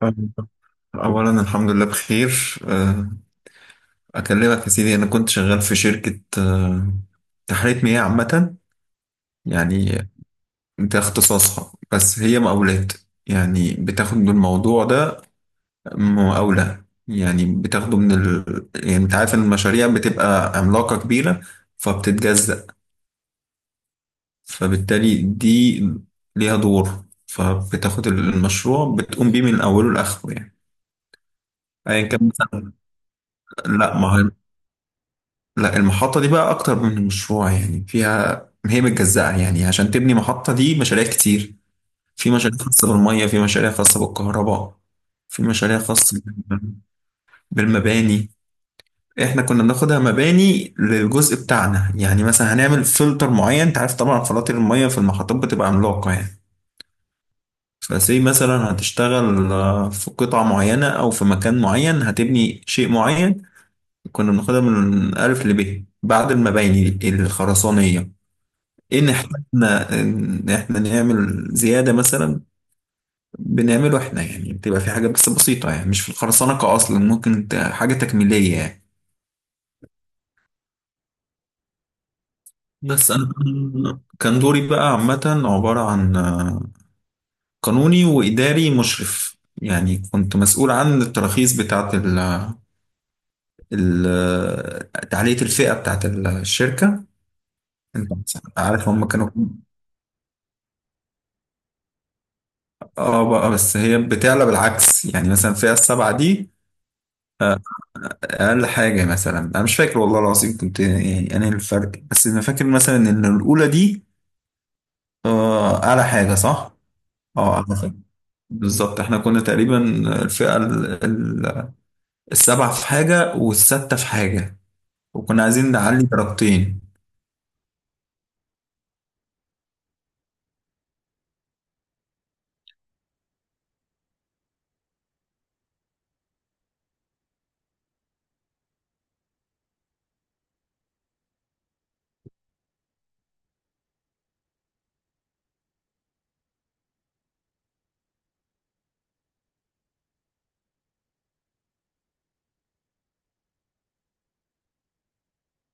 طيب، أولا الحمد لله بخير أكلمك يا سيدي. أنا كنت شغال في شركة تحلية مياه عامة يعني. ده اختصاصها، بس هي مقاولات يعني. بتاخد الموضوع ده مقاولة، يعني بتاخده من يعني أنت عارف إن المشاريع بتبقى عملاقة كبيرة، فبتتجزأ. فبالتالي دي ليها دور، فبتاخد المشروع بتقوم بيه من أوله لآخره يعني، أيا كان مثلا. لا، ما هو لا، المحطة دي بقى أكتر من مشروع يعني، فيها هي متجزأة يعني، عشان تبني محطة دي مشاريع كتير. في مشاريع خاصة بالمية، في مشاريع خاصة بالكهرباء، في مشاريع خاصة بالمباني. احنا كنا بناخدها مباني للجزء بتاعنا، يعني مثلا هنعمل فلتر معين. انت عارف طبعا فلاتر المية في المحطات بتبقى عملاقة يعني. فسي مثلا هتشتغل في قطعة معينة أو في مكان معين هتبني شيء معين. كنا بناخدها من ألف لب بعد المباني الخرسانية. إيه؟ ان احنا نعمل زياده مثلا، بنعمله احنا يعني. بتبقى في حاجه بس بسيطه يعني، مش في الخرسانقه اصلا، ممكن حاجه تكميليه يعني. بس انا كان دوري بقى عامه عباره عن قانوني واداري مشرف يعني. كنت مسؤول عن التراخيص بتاعه تعلية الفئة بتاعت الشركة. انت عارف هم كانوا... اه، بقى بس هي بتعلى بالعكس يعني، مثلا الفئة السبعة دي اقل حاجه. مثلا انا مش فاكر والله العظيم، كنت يعني انا الفرق، بس انا فاكر مثلا ان الاولى دي اعلى حاجه صح. اه، اعلى حاجه بالظبط. احنا كنا تقريبا الفئه السبعه في حاجه والسادسه في حاجه، وكنا عايزين نعلي درجتين.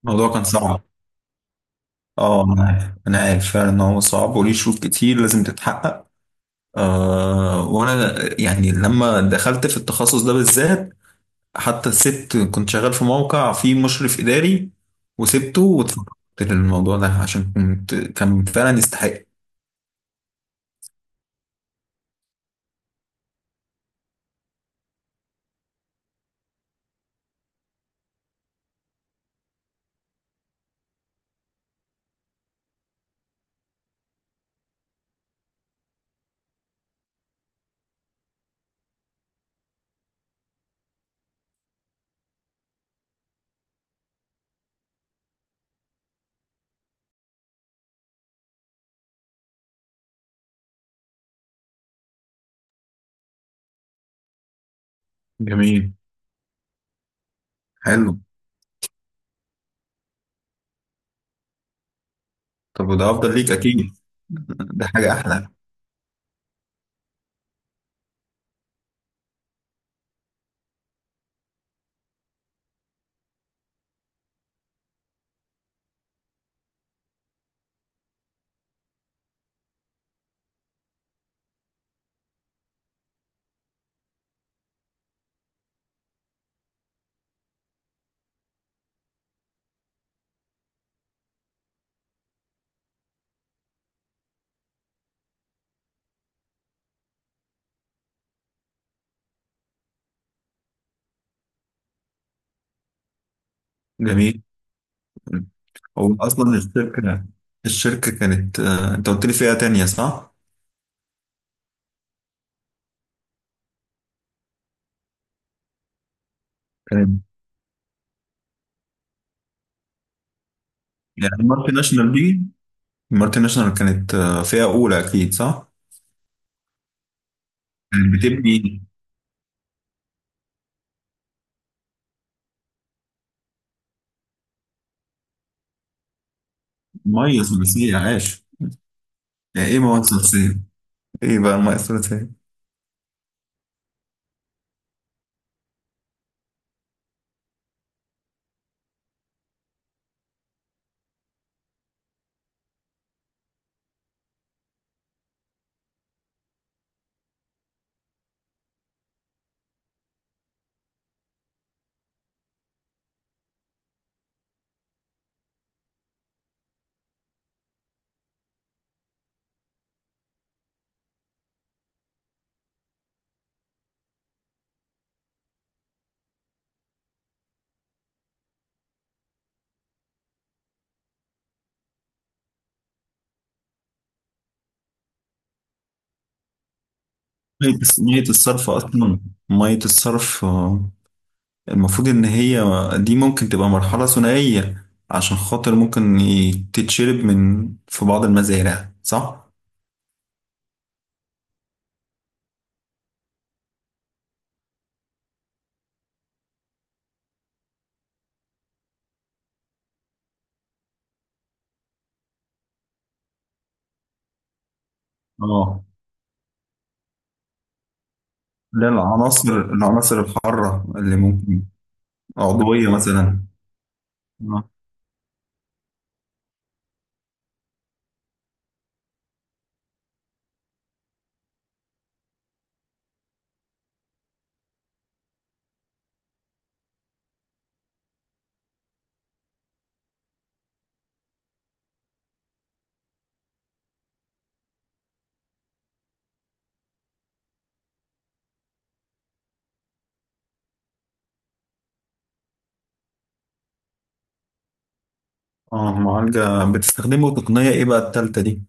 الموضوع كان صعب. اه، انا عارف فعلا ان هو صعب وليه شروط كتير لازم تتحقق. وانا يعني لما دخلت في التخصص ده بالذات، حتى سبت كنت شغال في موقع فيه مشرف إداري، وسبته واتفقدت للموضوع ده عشان كنت كان فعلا يستحق. جميل. حلو. طب وده أفضل ليك أكيد. ده حاجة أحلى. جميل. هو أصلا الشركة، الشركة كانت أنت قلت لي فئة تانية صح؟ كانت يعني المالتي ناشونال دي، المالتي ناشونال كانت فئة أولى أكيد صح؟ كانت بتبني مية ثلاثية عاش. يعني إيه مية ثلاثية؟ إيه بقى المية الثلاثية؟ مية الصرف أصلا. مية الصرف المفروض إن هي دي ممكن تبقى مرحلة ثنائية، عشان خاطر ممكن تتشرب من في بعض المزارع صح؟ اه. ده العناصر، العناصر الحارة اللي ممكن... عضوية مثلا. اه. معالجة. بتستخدموا تقنية إيه بقى التالتة دي؟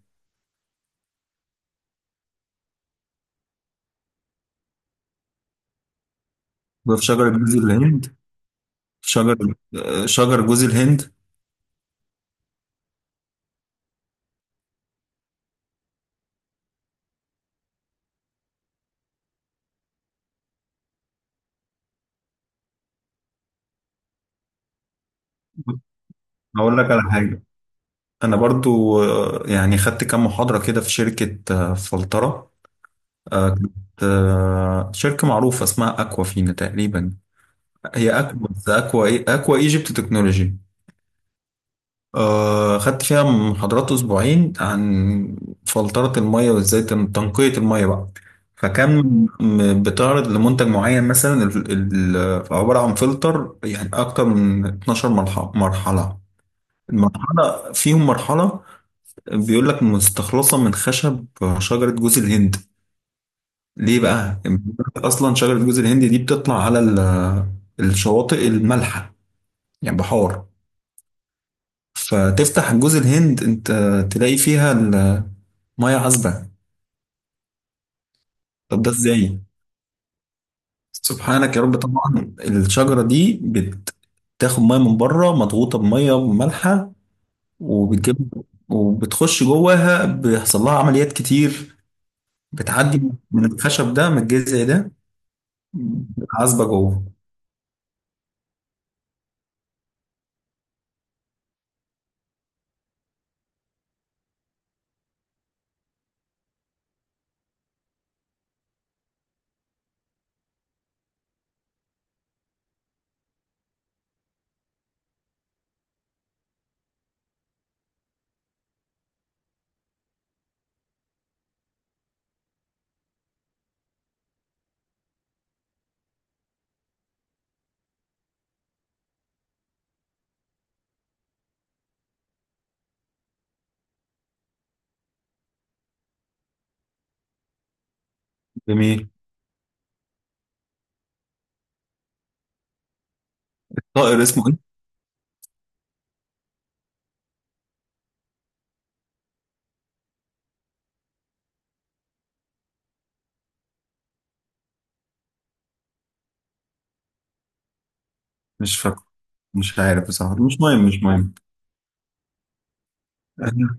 في شجر جوز الهند. شجر... شجر جوز الهند. هقول لك على حاجة. انا برضو يعني خدت كام محاضرة كده في شركة فلترة. كانت شركة معروفة اسمها اكوافينا تقريبا. هي اكوا، بس اكوا ايه؟ اكوا ايجيبت تكنولوجي. خدت فيها محاضرات اسبوعين عن فلترة المية وازاي تنقية المية بقى. فكان بتعرض لمنتج معين مثلا، عبارة عن فلتر يعني اكتر من 12 مرحلة. المرحلة فيهم مرحلة بيقول لك مستخلصة من خشب شجرة جوز الهند. ليه بقى؟ أصلا شجرة جوز الهند دي بتطلع على الشواطئ المالحة، يعني بحار. فتفتح جوز الهند، أنت تلاقي فيها المية عذبة. طب ده إزاي؟ سبحانك يا رب. طبعا الشجرة دي بتاخد مية من بره مضغوطة بمية مالحة، وبتجيب وبتخش جواها بيحصل لها عمليات كتير. بتعدي من الخشب ده، من الجذع ده عزبة جوه. جميل. طائر اسمه ايه؟ مش فاكره. مش عارف بصراحة، مش مهم مش مهم. انا...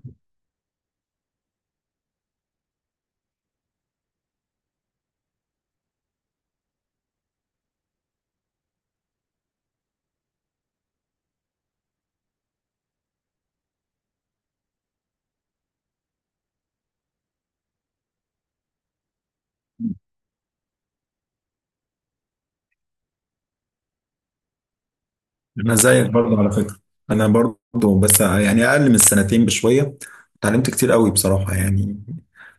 أنا زيك برضه على فكرة. انا برضه بس يعني اقل من السنتين بشوية، اتعلمت كتير قوي بصراحة يعني.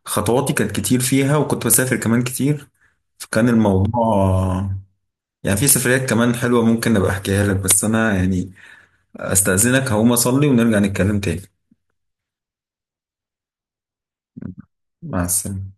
خطواتي كانت كتير فيها وكنت بسافر كمان كتير. فكان الموضوع يعني في سفريات كمان حلوة، ممكن ابقى احكيها لك. بس انا يعني استأذنك هقوم اصلي ونرجع نتكلم تاني. مع السلامة.